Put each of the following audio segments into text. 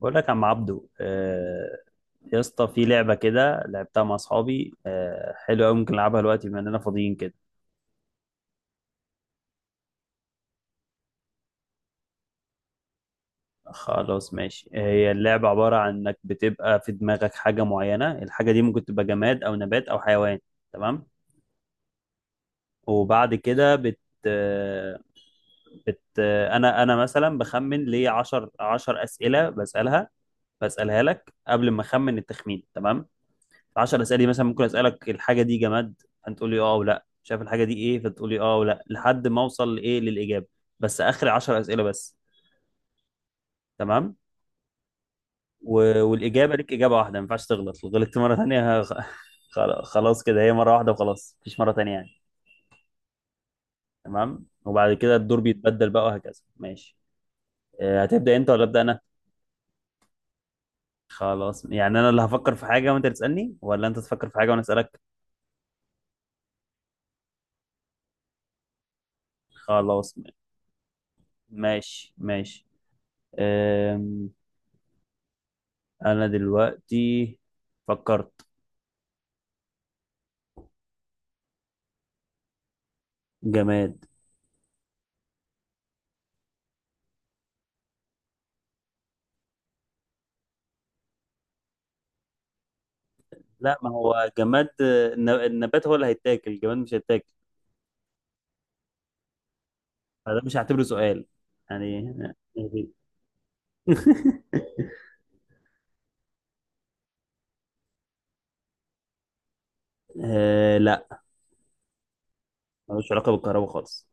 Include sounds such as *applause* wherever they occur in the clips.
بقول لك يا عم عبدو، يا اسطى، في لعبة كده لعبتها مع أصحابي، حلوة أوي. ممكن نلعبها دلوقتي بما إننا فاضيين كده. خلاص ماشي. هي اللعبة عبارة عن إنك بتبقى في دماغك حاجة معينة، الحاجة دي ممكن تبقى جماد أو نبات أو حيوان. تمام. وبعد كده بت آه، بت آه، أنا مثلا بخمن ليه عشر أسئلة، بسألها لك قبل ما أخمن التخمين. تمام. 10 اسئله مثلا، ممكن اسالك الحاجه دي جماد، فانت تقول لي اه او لا. شايف الحاجه دي ايه، فتقول لي اه او لا، لحد ما اوصل لايه، للاجابه. بس اخر 10 اسئله بس. تمام. والاجابه ليك اجابه واحده، ما ينفعش تغلط، لو غلطت مره ثانيه. *laughs* خلاص خلاص كده، هي مره واحده وخلاص، مفيش مره ثانيه يعني. تمام. وبعد كده الدور بيتبدل بقى، وهكذا ماشي. هتبدا انت ولا ابدا انا؟ خلاص يعني انا اللي هفكر في حاجه وانت تسالني، ولا انت تفكر في حاجه وانا اسالك. خلاص ماشي ماشي. أم... انا دلوقتي فكرت. جماد. لا، ما هو جماد. النبات هو اللي هيتاكل، الجماد مش هيتاكل. فده مش هعتبره سؤال يعني. *laughs* آه لا، ملوش علاقة بالكهرباء خالص.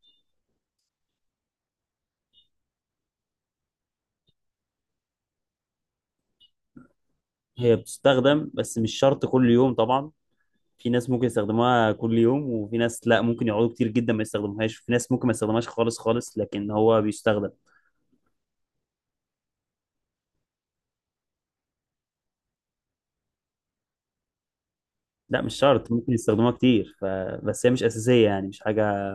هي بتستخدم بس مش شرط كل يوم طبعا. في ناس ممكن يستخدموها كل يوم، وفي ناس لا، ممكن يقعدوا كتير جدا ما يستخدموهاش، وفي ناس ممكن ما يستخدمهاش خالص خالص، لكن هو بيستخدم. لا مش شرط، ممكن يستخدموها كتير بس هي مش أساسية، يعني مش حاجة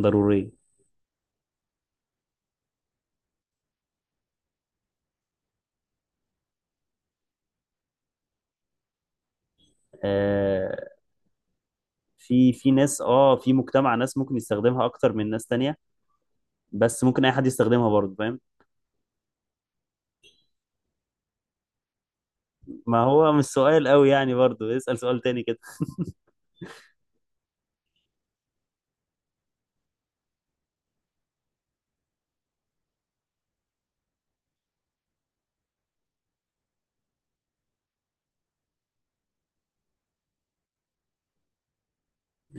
ضرورية. آه، في ناس، اه، في مجتمع ناس ممكن يستخدمها اكتر من ناس تانية، بس ممكن اي حد يستخدمها برضه، فاهم. ما هو مش سؤال قوي يعني، برضه اسأل سؤال تاني كده. *laughs*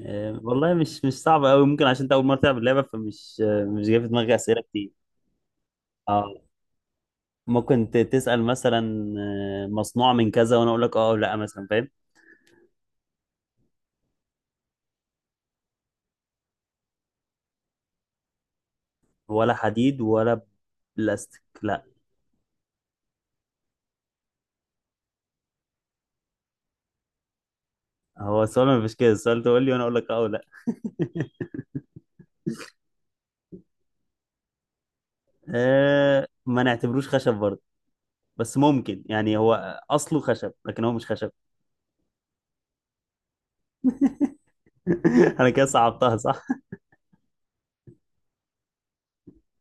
والله مش صعب قوي، ممكن عشان انت اول مرة تلعب اللعبة، فمش مش جاي في دماغي اسئلة كتير. اه ممكن تسأل مثلا، مصنوع من كذا، وانا اقول لك اه أو لا مثلا، فاهم. ولا حديد ولا بلاستيك، لا. هو السؤال ما فيش كده، السؤال تقول لي وانا اقول لك اه أو لا. *laughs* ما نعتبروش خشب برضه، بس ممكن يعني هو اصله خشب لكن هو مش خشب. *laughs* انا كده صعبتها صح.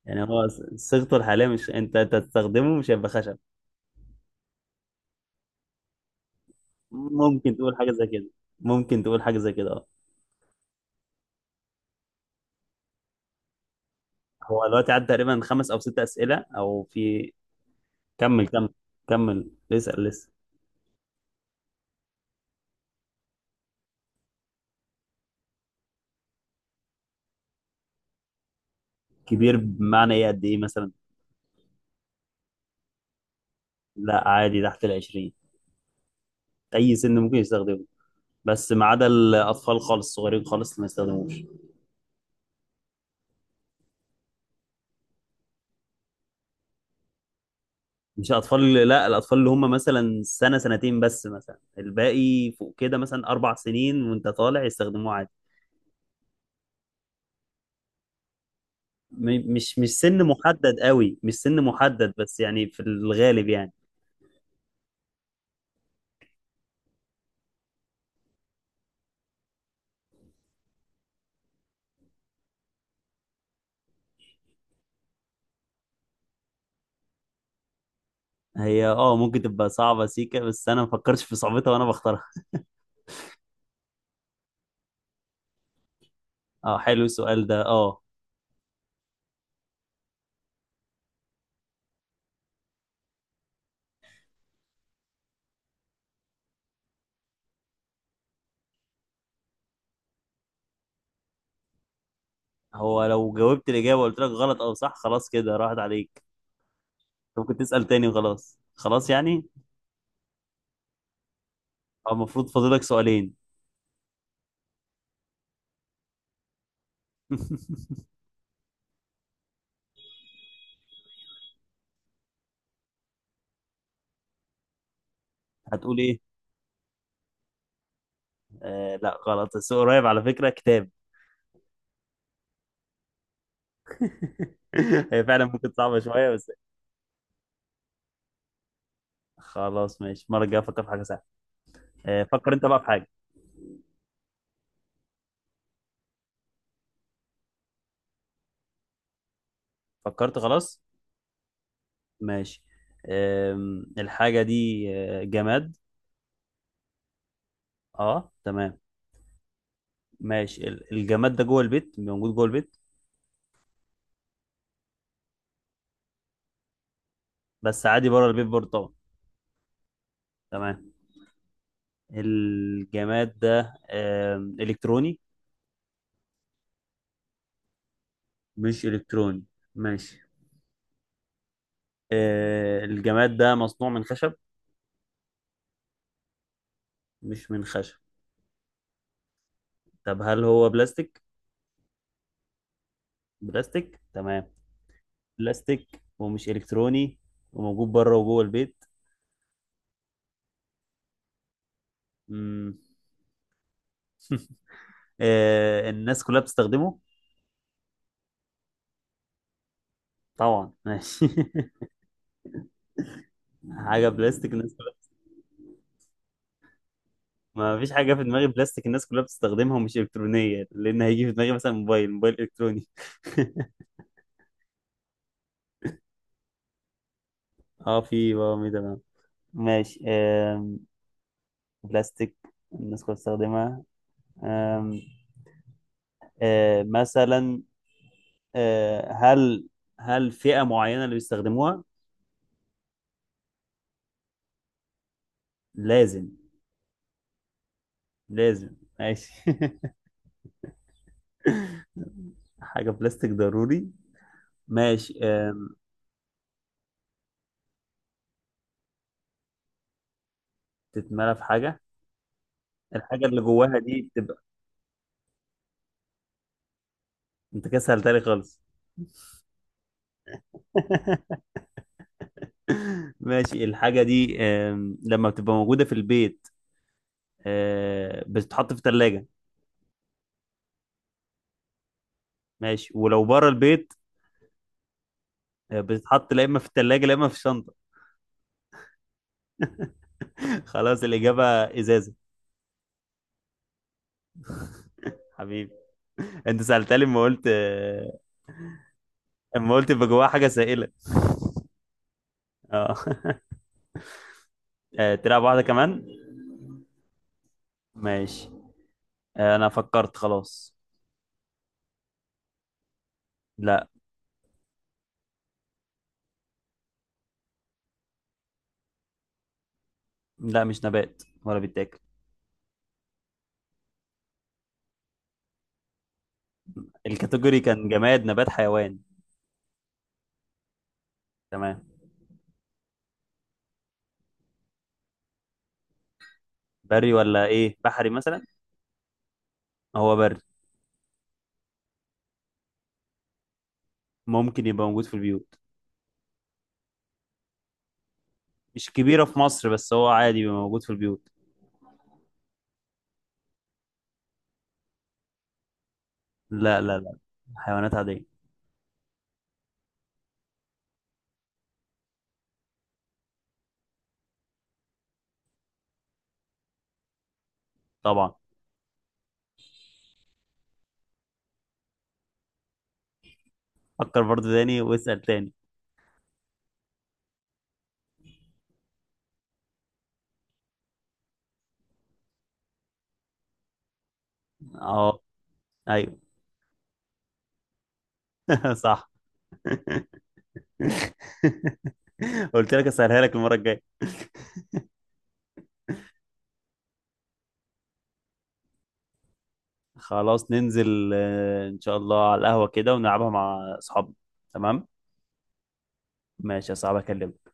يعني هو صيغته الحاليه، مش انت أنت تستخدمه مش هيبقى خشب. ممكن تقول حاجه زي كده. ممكن تقول حاجه زي كده اه. هو دلوقتي عدى تقريبا خمس او ست اسئله او في. كمل كمل. كمل اسال لسه. كبير بمعنى ايه؟ قد ايه مثلا؟ لا عادي تحت 20. اي سن ممكن يستخدمه بس ما عدا الاطفال خالص، الصغيرين خالص ما يستخدموش. مش الاطفال، لا، الاطفال اللي هم مثلا سنه سنتين، بس مثلا الباقي فوق كده، مثلا 4 سنين وانت طالع، يستخدموه عادي. مش سن محدد قوي، مش سن محدد، بس يعني في الغالب يعني. هي اه ممكن تبقى صعبة سيكا، بس انا ما فكرتش في صعوبتها وانا بختارها. اه حلو السؤال ده اه. هو لو جاوبت الاجابة وقلت لك غلط او صح، خلاص كده راحت عليك. انت ممكن تسأل تاني وخلاص خلاص يعني. اه المفروض فاضلك سؤالين. *laughs* هتقول ايه؟ آه لا غلط، بس قريب على فكرة. كتاب. *laughs* هي فعلا ممكن صعبة شوية بس. خلاص ماشي، المرة الجاية أفكر في حاجة سهلة. فكر أنت بقى في حاجة. فكرت خلاص. ماشي. الحاجة دي، جماد. أه تمام. ماشي. الجماد ده جوه البيت، موجود جوه البيت. بس عادي بره البيت برضه طبعا. تمام. الجماد ده إلكتروني؟ مش إلكتروني، ماشي. الجماد ده مصنوع من خشب؟ مش من خشب. طب هل هو بلاستيك؟ بلاستيك، تمام. بلاستيك ومش الكتروني، وموجود بره وجوه البيت. امم آه الناس كلها بتستخدمه؟ طبعا، ماشي. *laughs* حاجه بلاستيك الناس كلها. ما فيش حاجه في دماغي بلاستيك الناس كلها بتستخدمها ومش الكترونيه، لان هيجي في دماغي مثلا موبايل، موبايل الكتروني. *laughs* اه في بقى، تمام. ماشي. بلاستيك الناس كلها بتستخدمها. آم، آه، مثلا هل فئة معينة اللي بيستخدموها؟ لازم، لازم ماشي. *laughs* حاجة بلاستيك ضروري، ماشي. تتملى في حاجة، الحاجة اللي جواها دي بتبقى. انت كده سهلتها خالص. *laughs* ماشي، الحاجة دي لما بتبقى موجودة في البيت، بتتحط في التلاجة. ماشي، ولو بره البيت، بتتحط لا إما في التلاجة لا إما في الشنطة. *laughs* خلاص، الإجابة إزازة. حبيبي، أنت سألتها لي لما قلت، لما قلت يبقى جواها حاجة سائلة. اه. *laughs* تلعب واحدة كمان. ماشي. أنا فكرت خلاص. لا لا، مش نبات ولا بيتاكل. الكاتيجوري كان جماد، نبات، حيوان. تمام. بري ولا ايه، بحري مثلا؟ هو بري. ممكن يبقى موجود في البيوت. مش كبيرة في مصر، بس هو عادي بيبقى موجود في البيوت. لا لا لا، حيوانات عادية. طبعا. فكر برضو تاني واسأل تاني. اه. ايوه. *laughs* صح. *laughs* قلت لك اسهلها لك المرة الجاية. خلاص ننزل، ان شاء الله على القهوة كده ونلعبها مع اصحابنا. تمام. ماشي يا صاحبي، اكلمك.